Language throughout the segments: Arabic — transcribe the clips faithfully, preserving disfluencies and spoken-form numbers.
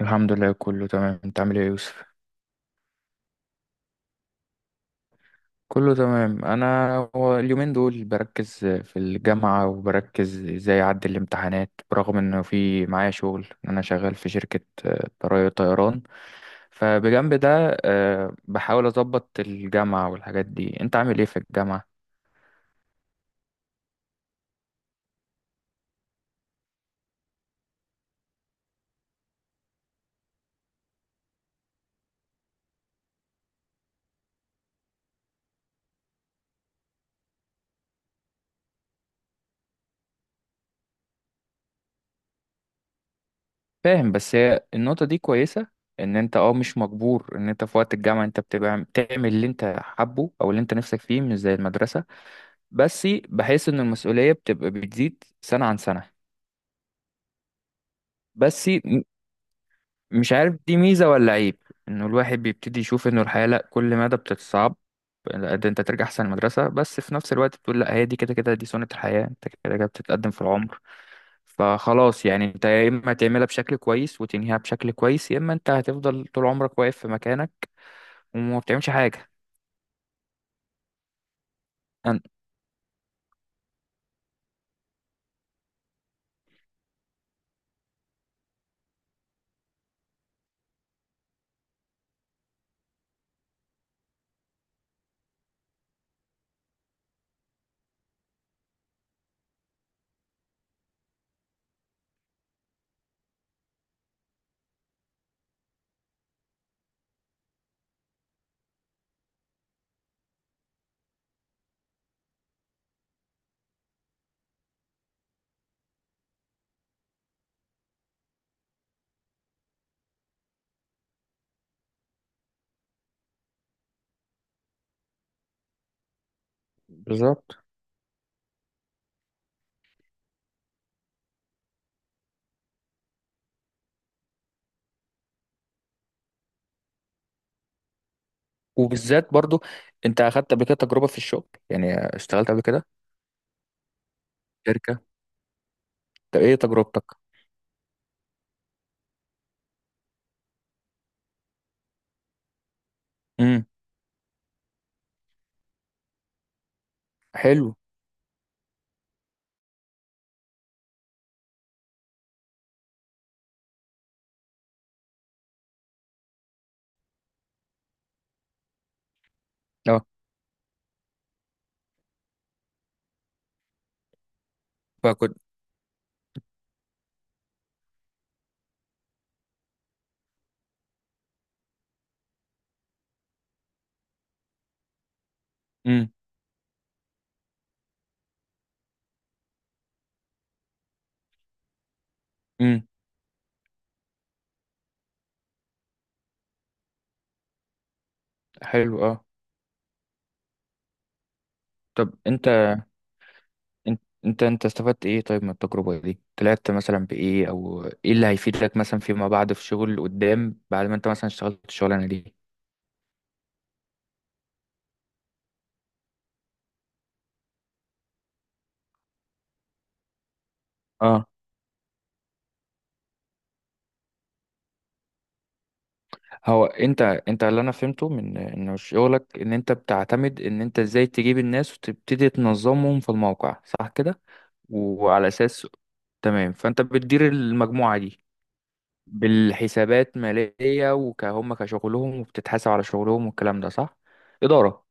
الحمد لله، كله تمام. انت عامل ايه يا يوسف؟ كله تمام، انا هو اليومين دول بركز في الجامعة وبركز ازاي اعدي الامتحانات، برغم انه في معايا شغل. انا شغال في شركة آه، طرا- طيران، فبجنب ده آه، بحاول اظبط الجامعة والحاجات دي. انت عامل ايه في الجامعة؟ فاهم، بس هي النقطة دي كويسة، ان انت اه مش مجبور، ان انت في وقت الجامعة انت بتبقى بتعمل اللي انت حابه او اللي انت نفسك فيه، مش زي المدرسة. بس بحس ان المسؤولية بتبقى بتزيد سنة عن سنة. بس م- مش عارف دي ميزة ولا عيب، انه الواحد بيبتدي يشوف انه الحياة لا كل مدى بتتصعب، لا ده انت ترجع احسن المدرسة، بس في نفس الوقت بتقول لا، هي دي كده كده، دي سنة الحياة، انت كده كده بتتقدم في العمر. فخلاص يعني انت يا اما تعملها بشكل كويس وتنهيها بشكل كويس، يا اما انت هتفضل طول عمرك واقف في مكانك وما بتعملش حاجة. أن- بالظبط. وبالذات برضو انت اخدت قبل كده تجربة في الشغل، يعني اشتغلت قبل كده. طب ايه تجربتك؟ امم. حلو. اه. فكنت. امم. امم. حلو. اه، طب انت انت انت انت استفدت ايه طيب من التجربة دي، طلعت مثلا بايه، او ايه اللي هيفيدك مثلا فيما بعد في شغل قدام، بعد ما انت مثلا اشتغلت الشغلانة دي؟ اه. هو انت انت اللي انا فهمته من انه شغلك ان انت بتعتمد ان انت ازاي تجيب الناس وتبتدي تنظمهم في الموقع، صح كده؟ وعلى اساس، تمام، فانت بتدير المجموعة دي بالحسابات مالية وكهم كشغلهم، وبتتحاسب على شغلهم والكلام ده، صح؟ إدارة.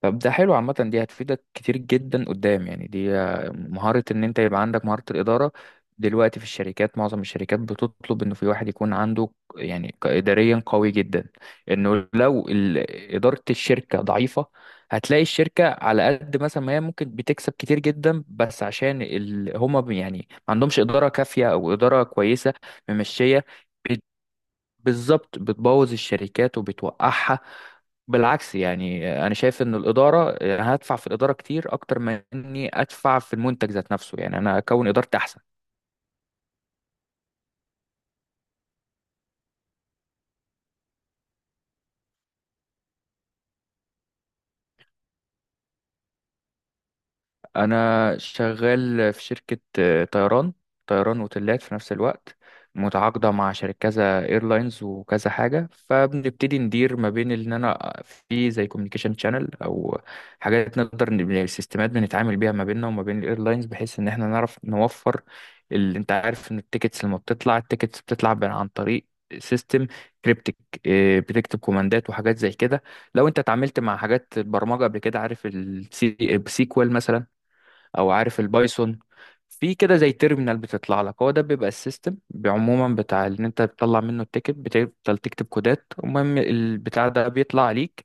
طب ده حلو عامة، دي هتفيدك كتير جدا قدام، يعني دي آه، مهارة ان انت يبقى عندك مهارة الإدارة. دلوقتي في الشركات، معظم الشركات بتطلب انه في واحد يكون عنده، يعني ك- إداريا قوي جدا. انه لو ال- إدارة الشركة ضعيفة، هتلاقي الشركة على قد مثلا ما هي ممكن بتكسب كتير جدا، بس عشان ال... هما ب- يعني ما عندهمش إدارة كافية او إدارة كويسة ممشية. بالظبط، بتبوظ الشركات وبتوقعها. بالعكس، يعني انا شايف ان الاداره، يعني انا هدفع في الاداره كتير اكتر ما اني ادفع في المنتج ذات نفسه، يعني انا اكون ادارتي احسن. انا شغال في شركة آه، طيران، طيران وتلات في نفس الوقت، متعاقدة مع شركة كذا ايرلاينز وكذا حاجة. فبنبتدي ندير ما بين ان انا في زي كوميونيكيشن شانل، او حاجات نقدر ن- يعني السيستمات بنتعامل بيها ما بيننا وما بين الايرلاينز، بحيث ان احنا نعرف نوفر. اللي انت عارف ان التيكتس لما بتطلع، التيكتس بتطلع بن- عن طريق سيستم كريبتك، بتكتب كوماندات وحاجات زي كده. لو انت اتعاملت مع حاجات البرمجه قبل كده، عارف السيكوال مثلا، او عارف البايثون، في كده زي تيرمينال بتطلع لك، هو ده بيبقى السيستم عموما بتاع ان انت بتطلع منه التيكت. بتفضل تكتب كودات، المهم البتاع ده بيطلع عليك،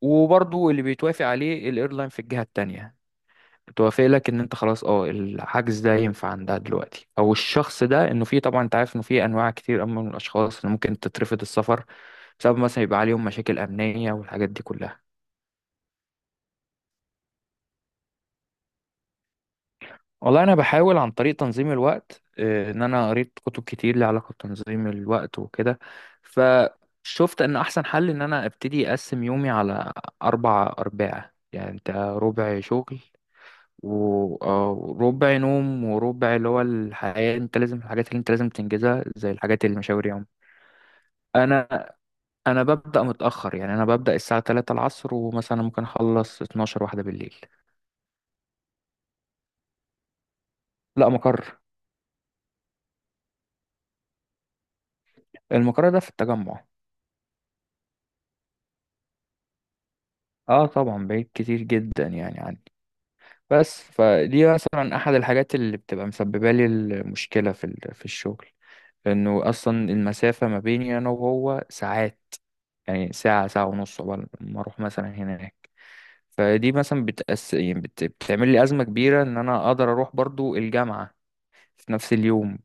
وبرضو اللي بيتوافق عليه الايرلاين في الجهة التانية بتوافق لك ان انت خلاص، اه الحجز ده ينفع عندها دلوقتي، او الشخص ده انه في، طبعا انت عارف انه في انواع كتير أما من الاشخاص اللي ممكن تترفض السفر، بسبب مثلا يبقى عليهم مشاكل امنية والحاجات دي كلها. والله انا بحاول عن طريق تنظيم الوقت، آه، ان انا قريت كتب كتير ليها علاقه بتنظيم الوقت وكده. فشفت ان احسن حل ان انا ابتدي اقسم يومي على اربع ارباع، يعني انت ربع شغل، و- آه، وربع نوم، وربع اللي هو الحياه، انت لازم الحاجات اللي انت لازم تنجزها، زي الحاجات اللي مشاوير يوم. انا انا ببدا متاخر، يعني انا ببدا الساعه ثلاثة العصر، ومثلا ممكن اخلص اتناشر واحده بالليل. لا، مقر، المقر ده في التجمع. اه طبعا، بعيد كتير جدا يعني عني، بس فدي مثلا احد الحاجات اللي بتبقى مسببه لي المشكله في ال- في الشغل، لانه اصلا المسافه ما بيني انا وهو ساعات، يعني ساعه، ساعه ونص قبل ما اروح مثلا هناك. فدي مثلا بتأس... يعني بت... بتعمل لي ازمه كبيره ان انا اقدر اروح برضو الجامعه في نفس اليوم،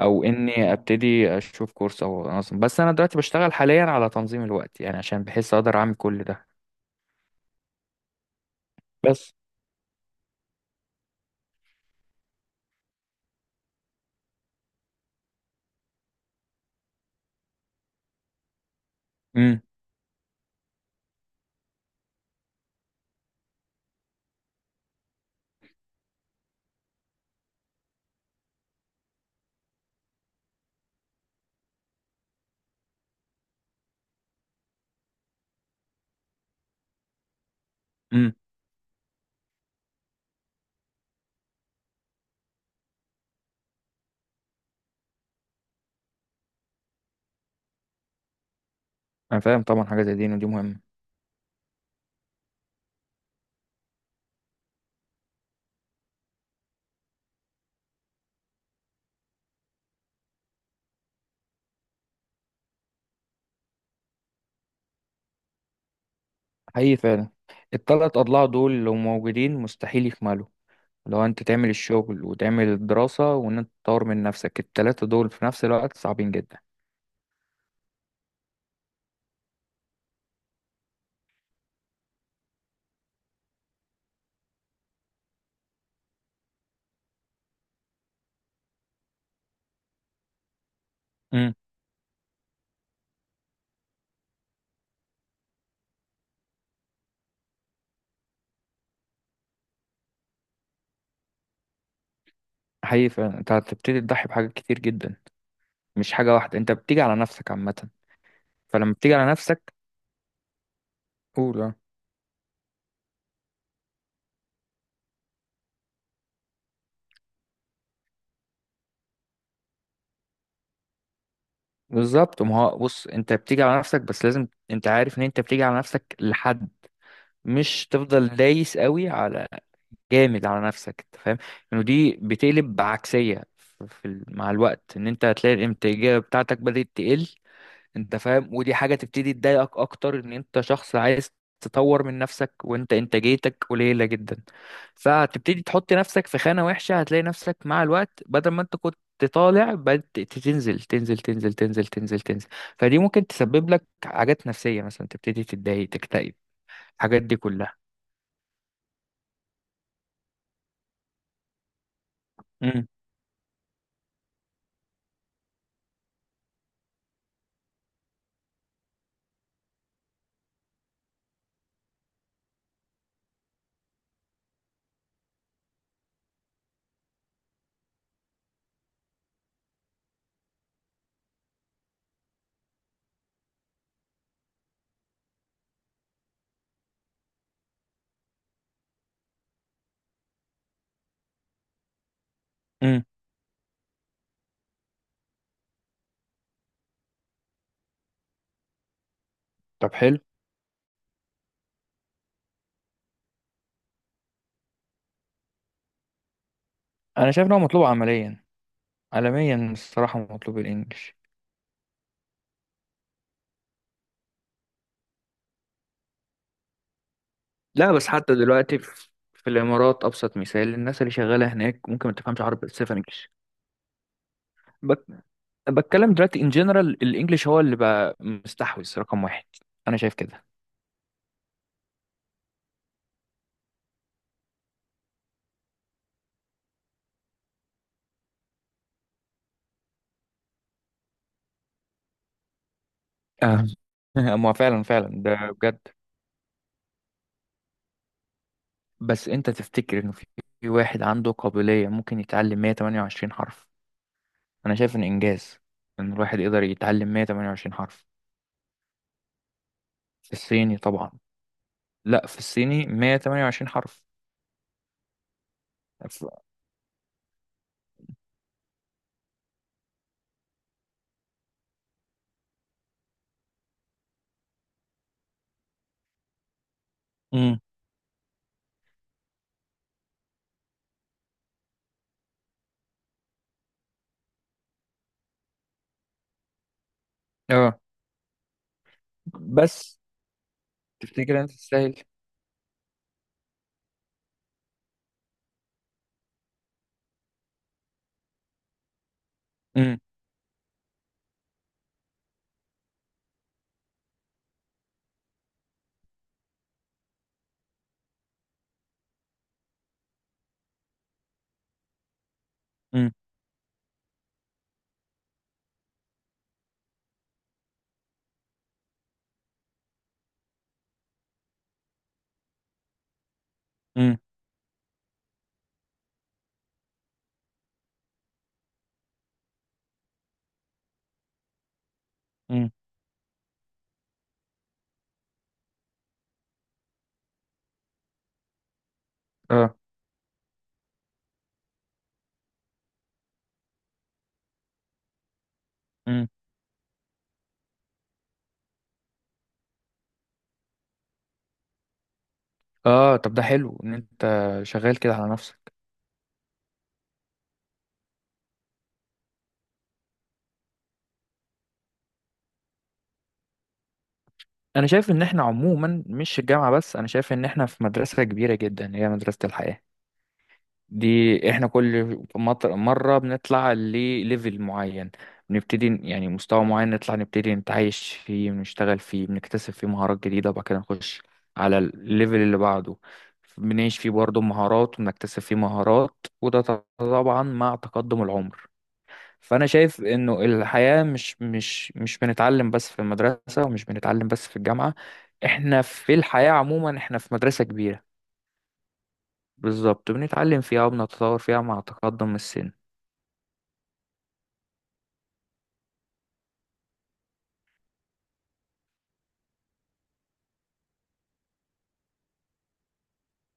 او اني ابتدي اشوف كورس او انظم. بس انا دلوقتي بشتغل حاليا على تنظيم الوقت، يعني عشان بحس اقدر اعمل كل ده بس. امم امم. انا فاهم طبعا، حاجه زي دي ودي مهمه. حقيقي فعلا، التلات اضلاع دول لو موجودين مستحيل يكملوا، لو انت تعمل الشغل وتعمل الدراسه وان انت تطور من نفسك، التلاته دول في نفس الوقت صعبين جدا. امم. حقيقي فعلا، انت هتبتدي تضحي بحاجات كتير جدا، مش حاجه واحده، انت بتيجي على نفسك عامه. فلما بتيجي على نفسك، قول آه. بالظبط، ما هو بص انت بتيجي على نفسك، بس لازم انت عارف ان انت بتيجي على نفسك لحد، مش تفضل دايس قوي، على جامد على نفسك. انت فاهم، انه دي بتقلب بعكسيه في في ال- مع الوقت، ان انت هتلاقي الانتاجيه بتاعتك بدات تقل. انت فاهم، ودي حاجه تبتدي تضايقك اكتر، ان انت شخص عايز تطور من نفسك وانت انتاجيتك قليله جدا. فهتبتدي تحط نفسك في خانه وحشه، هتلاقي نفسك مع الوقت بدل ما انت كنت طالع، بدأت تنزل تنزل تنزل تنزل تنزل تنزل. فدي ممكن تسبب لك حاجات نفسيه، مثلا تبتدي تتضايق، تكتئب، الحاجات دي كلها. امم. امم. طب حلو. انا شايف ان هو مطلوب عمليا، عالميا الصراحة مطلوب الإنجليش. لا بس حتى دلوقتي في في الإمارات، أبسط مثال الناس اللي شغالة هناك ممكن ما تفهمش عربي بس تفهم إنجليش. بك... بتكلم دلوقتي إن جنرال الإنجليش هو اللي بقى مستحوذ رقم واحد. أنا شايف كده. آه. ما فعلا فعلا ده بجد. بس أنت تفتكر إنه في في واحد عنده قابلية ممكن يتعلم مية وتمنية وعشرين حرف؟ أنا شايف إن إنجاز إن الواحد يقدر يتعلم مية وتمنية وعشرين حرف. في الصيني طبعا. لا، في الصيني مية وتمنية وعشرين حرف. ف- مم. اه بس تفتكر انت تستاهل؟ امم. امم. امم. امم. اه. امم. اه، طب ده حلو ان انت شغال كده على نفسك. انا شايف ان احنا عموما مش الجامعه بس، انا شايف ان احنا في مدرسه كبيره جدا، هي مدرسه الحياه دي. احنا كل مطر- مرة بنطلع لليفل معين، بنبتدي ن- يعني مستوى معين نطلع نبتدي نتعايش فيه، بنشتغل فيه، بنكتسب فيه مهارات جديدة، وبعد كده نخش على الليفل اللي بعده، بنعيش فيه برضه مهارات، وبنكتسب فيه مهارات، وده ط- طبعا مع تقدم العمر. فأنا شايف إنه الحياة مش مش مش بنتعلم بس في المدرسة، ومش بنتعلم بس في الجامعة، احنا في الحياة عموما احنا في مدرسة كبيرة، بالظبط بنتعلم فيها وبنتطور فيها مع تقدم السن.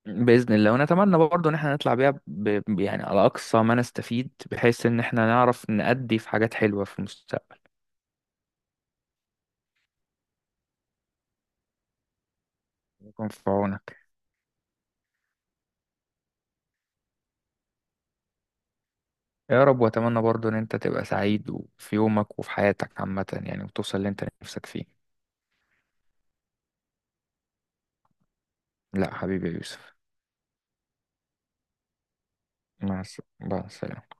بإذن الله، ونتمنى برضه إن احنا نطلع بيها ب... ب- يعني على أقصى ما نستفيد، بحيث إن احنا نعرف نأدي في حاجات حلوة في المستقبل. يكون في عونك. يا رب، وأتمنى برضه إن أنت تبقى سعيد وفي يومك وفي حياتك عامة يعني، وتوصل اللي أنت نفسك فيه. لا حبيبي يا يوسف. مع الس- مع السلامة.